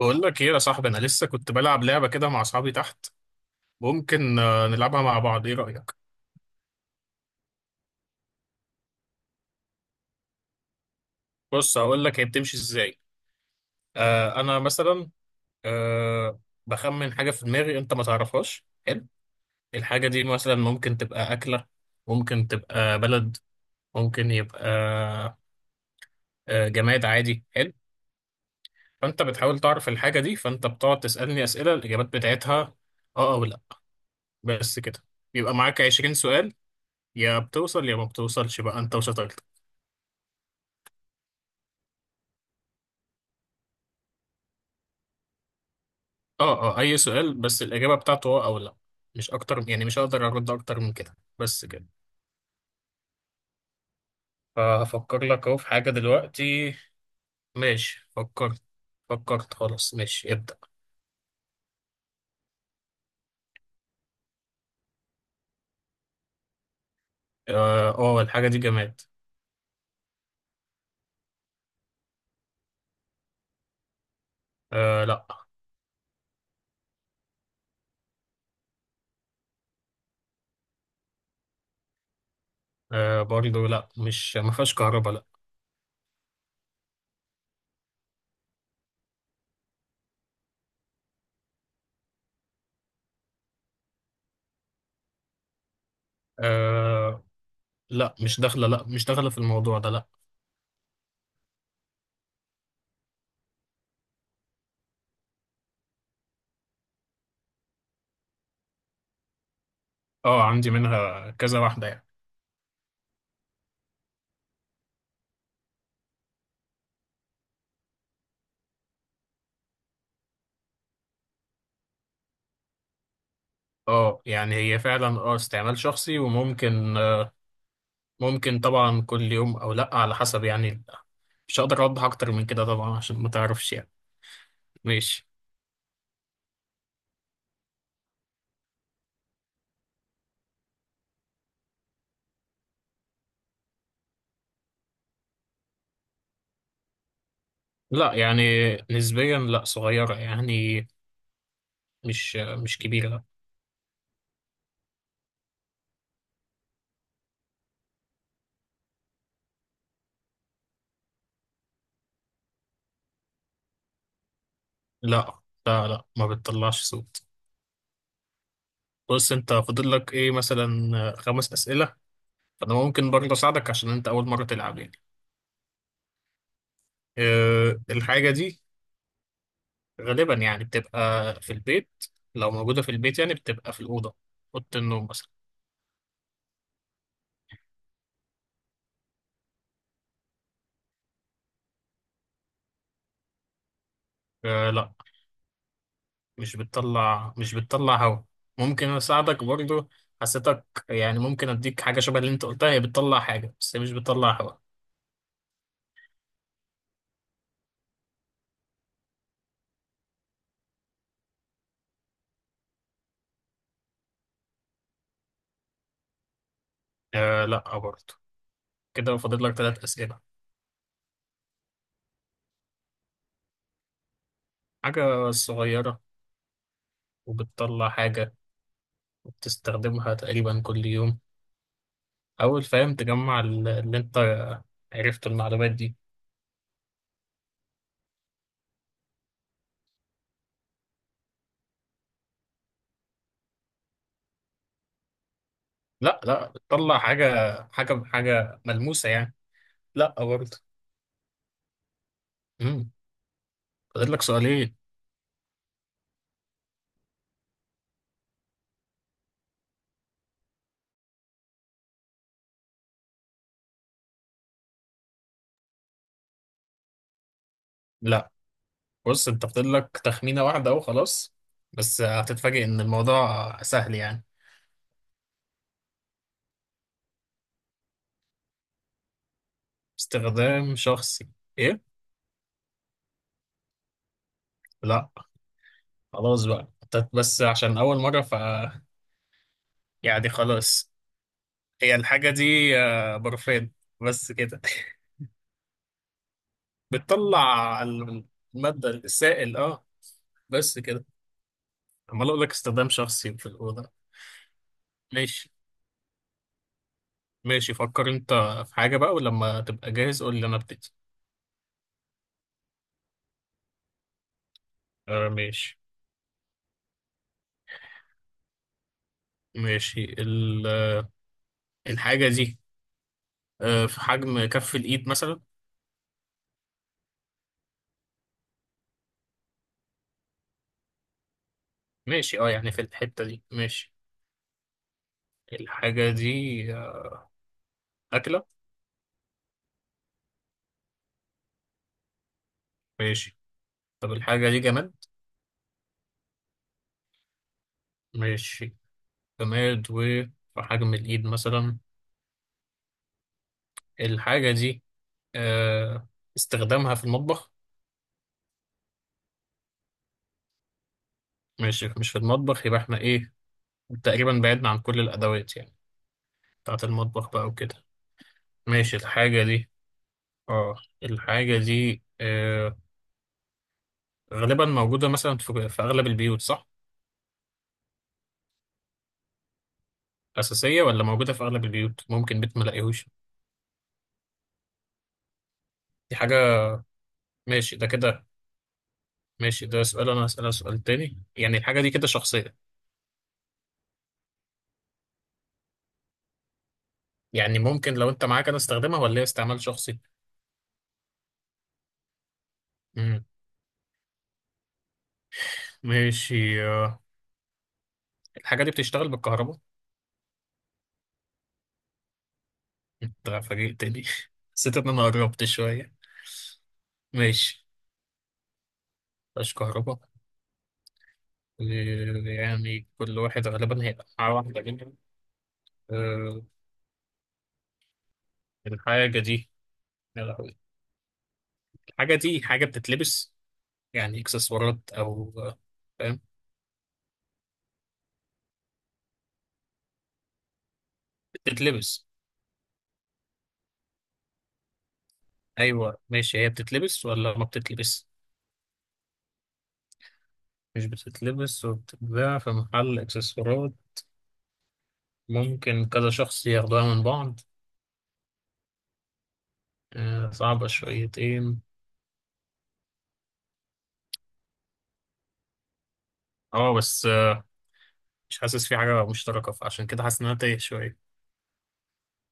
بقول لك ايه يا صاحبي. انا لسه كنت بلعب لعبه كده مع اصحابي تحت. ممكن نلعبها مع بعض، ايه رايك؟ بص، هقول لك هي بتمشي ازاي. انا مثلا آه بخمن حاجه في دماغي انت ما تعرفهاش. حلو، الحاجه دي مثلا ممكن تبقى اكله، ممكن تبقى بلد، ممكن يبقى جماد عادي. حلو. فانت بتحاول تعرف الحاجه دي، فانت بتقعد تسالني اسئله، الاجابات بتاعتها اه او لا، بس كده. يبقى معاك 20 سؤال، يا بتوصل يا ما بتوصلش بقى انت وشطارتك. اه، اي سؤال بس الاجابه بتاعته اه او لا، مش اكتر يعني. مش هقدر ارد اكتر من كده، بس كده. فهفكر لك اهو في حاجه دلوقتي. ماشي، فكرت خلاص، ماشي ابدا. اه، الحاجه دي جماد. آه لا. آه برضه لا، مش ما فيهاش كهرباء لا. آه لا، مش داخله في الموضوع ده لا. اه، عندي منها كذا واحده يعني. اه يعني هي فعلا اه استعمال شخصي، وممكن ممكن طبعا كل يوم او لا، على حسب يعني. مش هقدر اوضح اكتر من كده طبعا عشان ما تعرفش يعني. ماشي. لا يعني نسبيا لا، صغيرة يعني، مش كبيرة. لا لا لا لا، ما بتطلعش صوت. بص، انت فاضل لك ايه مثلا؟ خمس اسئلة. فانا ممكن برضه اساعدك عشان انت اول مرة تلعب يعني. أه، الحاجة دي غالبا يعني بتبقى في البيت. لو موجودة في البيت يعني بتبقى في الأوضة، أوضة النوم مثلا. أه لا، مش بتطلع هوا. ممكن اساعدك برضو، حسيتك يعني ممكن اديك حاجه شبه اللي انت قلتها. هي بتطلع حاجه بس هي مش بتطلع هوا. آه لا برضو. كده فاضل لك ثلاث اسئله. حاجه صغيره، وبتطلع حاجه، وبتستخدمها تقريبا كل يوم، اول فاهم تجمع اللي انت عرفت المعلومات دي. لا لا، بتطلع حاجه، حاجه ملموسه يعني. لا برضو. امم، فاضل لك سؤالين. لا. بص، انت فاضل لك تخمينة واحدة اهو، خلاص. بس هتتفاجئ ان الموضوع سهل يعني. استخدام شخصي. ايه؟ لا. خلاص بقى انت، بس عشان اول مرة ف... يعني خلاص، هي الحاجة دي برفان، بس كده. بتطلع المادة السائل اه. بس كده. عمال اقول لك استخدام شخصي في الأوضة. ماشي. ماشي فكر انت في حاجة بقى، ولما تبقى جاهز قول لي انا ابتدي. آه ماشي. ماشي الحاجة دي في حجم كف الإيد مثلا. ماشي، اه يعني في الحتة دي ماشي. الحاجة دي أكلة؟ ماشي. طب الحاجة دي جماد؟ ماشي، جماد وفي حجم الإيد مثلا. الحاجة دي آه، استخدامها في المطبخ؟ ماشي، مش في المطبخ، يبقى احنا إيه، تقريبا بعدنا عن كل الأدوات يعني بتاعة المطبخ بقى وكده. ماشي، الحاجة دي اه، الحاجة دي غالبا موجودة مثلا في أغلب البيوت صح؟ أساسية ولا موجودة في أغلب البيوت؟ ممكن بيت ملاقيهوش. دي حاجة. ماشي ده كده. ماشي، ده سؤال أنا هسألها. سؤال تاني يعني، الحاجة دي كده شخصية، يعني ممكن لو أنت معاك أنا استخدمها ولا هي استعمال شخصي؟ مم. ماشي، الحاجة دي بتشتغل بالكهرباء؟ أنت فاجئتني. حسيت إن أنا قربت شوية. ماشي، مفيهاش كهرباء. آه، يعني كل واحد غالبا هيبقى معاه واحدة منهم. آه، الحاجة دي يا لهوي. الحاجة دي حاجة بتتلبس، يعني إكسسوارات أو فاهم؟ بتتلبس. أيوه ماشي، هي بتتلبس ولا ما بتتلبس؟ مش بتتلبس، وبتتباع في محل اكسسوارات. ممكن كذا شخص ياخدوها من بعض. صعبة شويتين. اه بس مش حاسس في حاجة مشتركة، فعشان كده حاسس ان انا تايه شوية.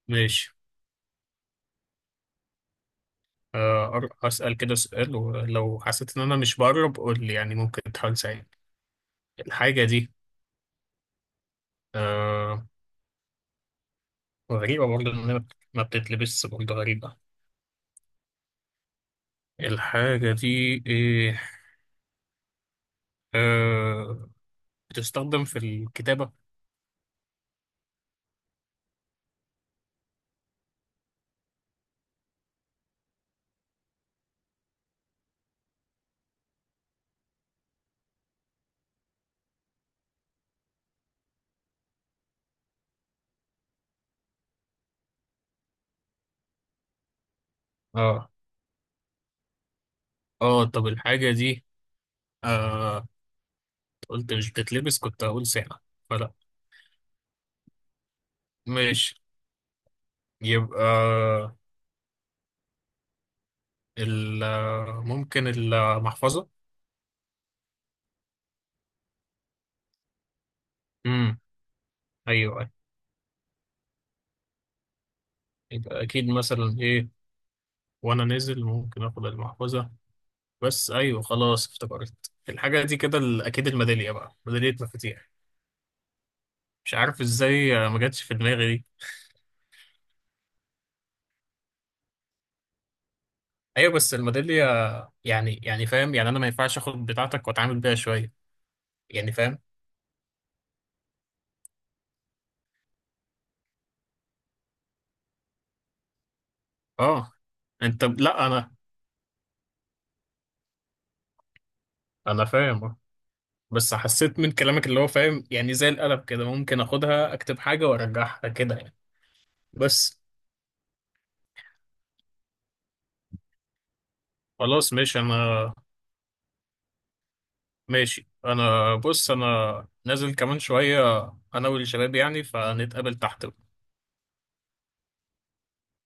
ماشي هسأل كده سؤال، ولو حسيت ان انا مش بقرب قول لي يعني، ممكن تحاول تساعدني. الحاجة دي آه، غريبة برضه ان هي ما بتتلبس، برضه غريبة. الحاجة دي ايه، آه، بتستخدم في الكتابة؟ اه اه، طب الحاجة دي آه، قلت مش بتتلبس كنت هقول ساعة، فلا. ماشي، يبقى ال، ممكن المحفظة. امم، ايوه أيوة. يبقى اكيد مثلا ايه، وانا نازل ممكن اخد المحفظة، بس ايوه خلاص افتكرت. الحاجة دي كده اكيد الميدالية بقى، ميدالية مفاتيح. مش عارف ازاي ما جاتش في دماغي دي. ايوه بس الميدالية، يعني فاهم يعني، انا ما ينفعش اخد بتاعتك واتعامل بيها شوية؟ يعني فاهم. اه انت. لا انا فاهم، بس حسيت من كلامك اللي هو فاهم يعني، زي القلم كده، ممكن اخدها اكتب حاجة وارجعها كده يعني، بس. خلاص ماشي انا. ماشي، انا بص انا نازل كمان شوية، انا والشباب يعني، فنتقابل تحت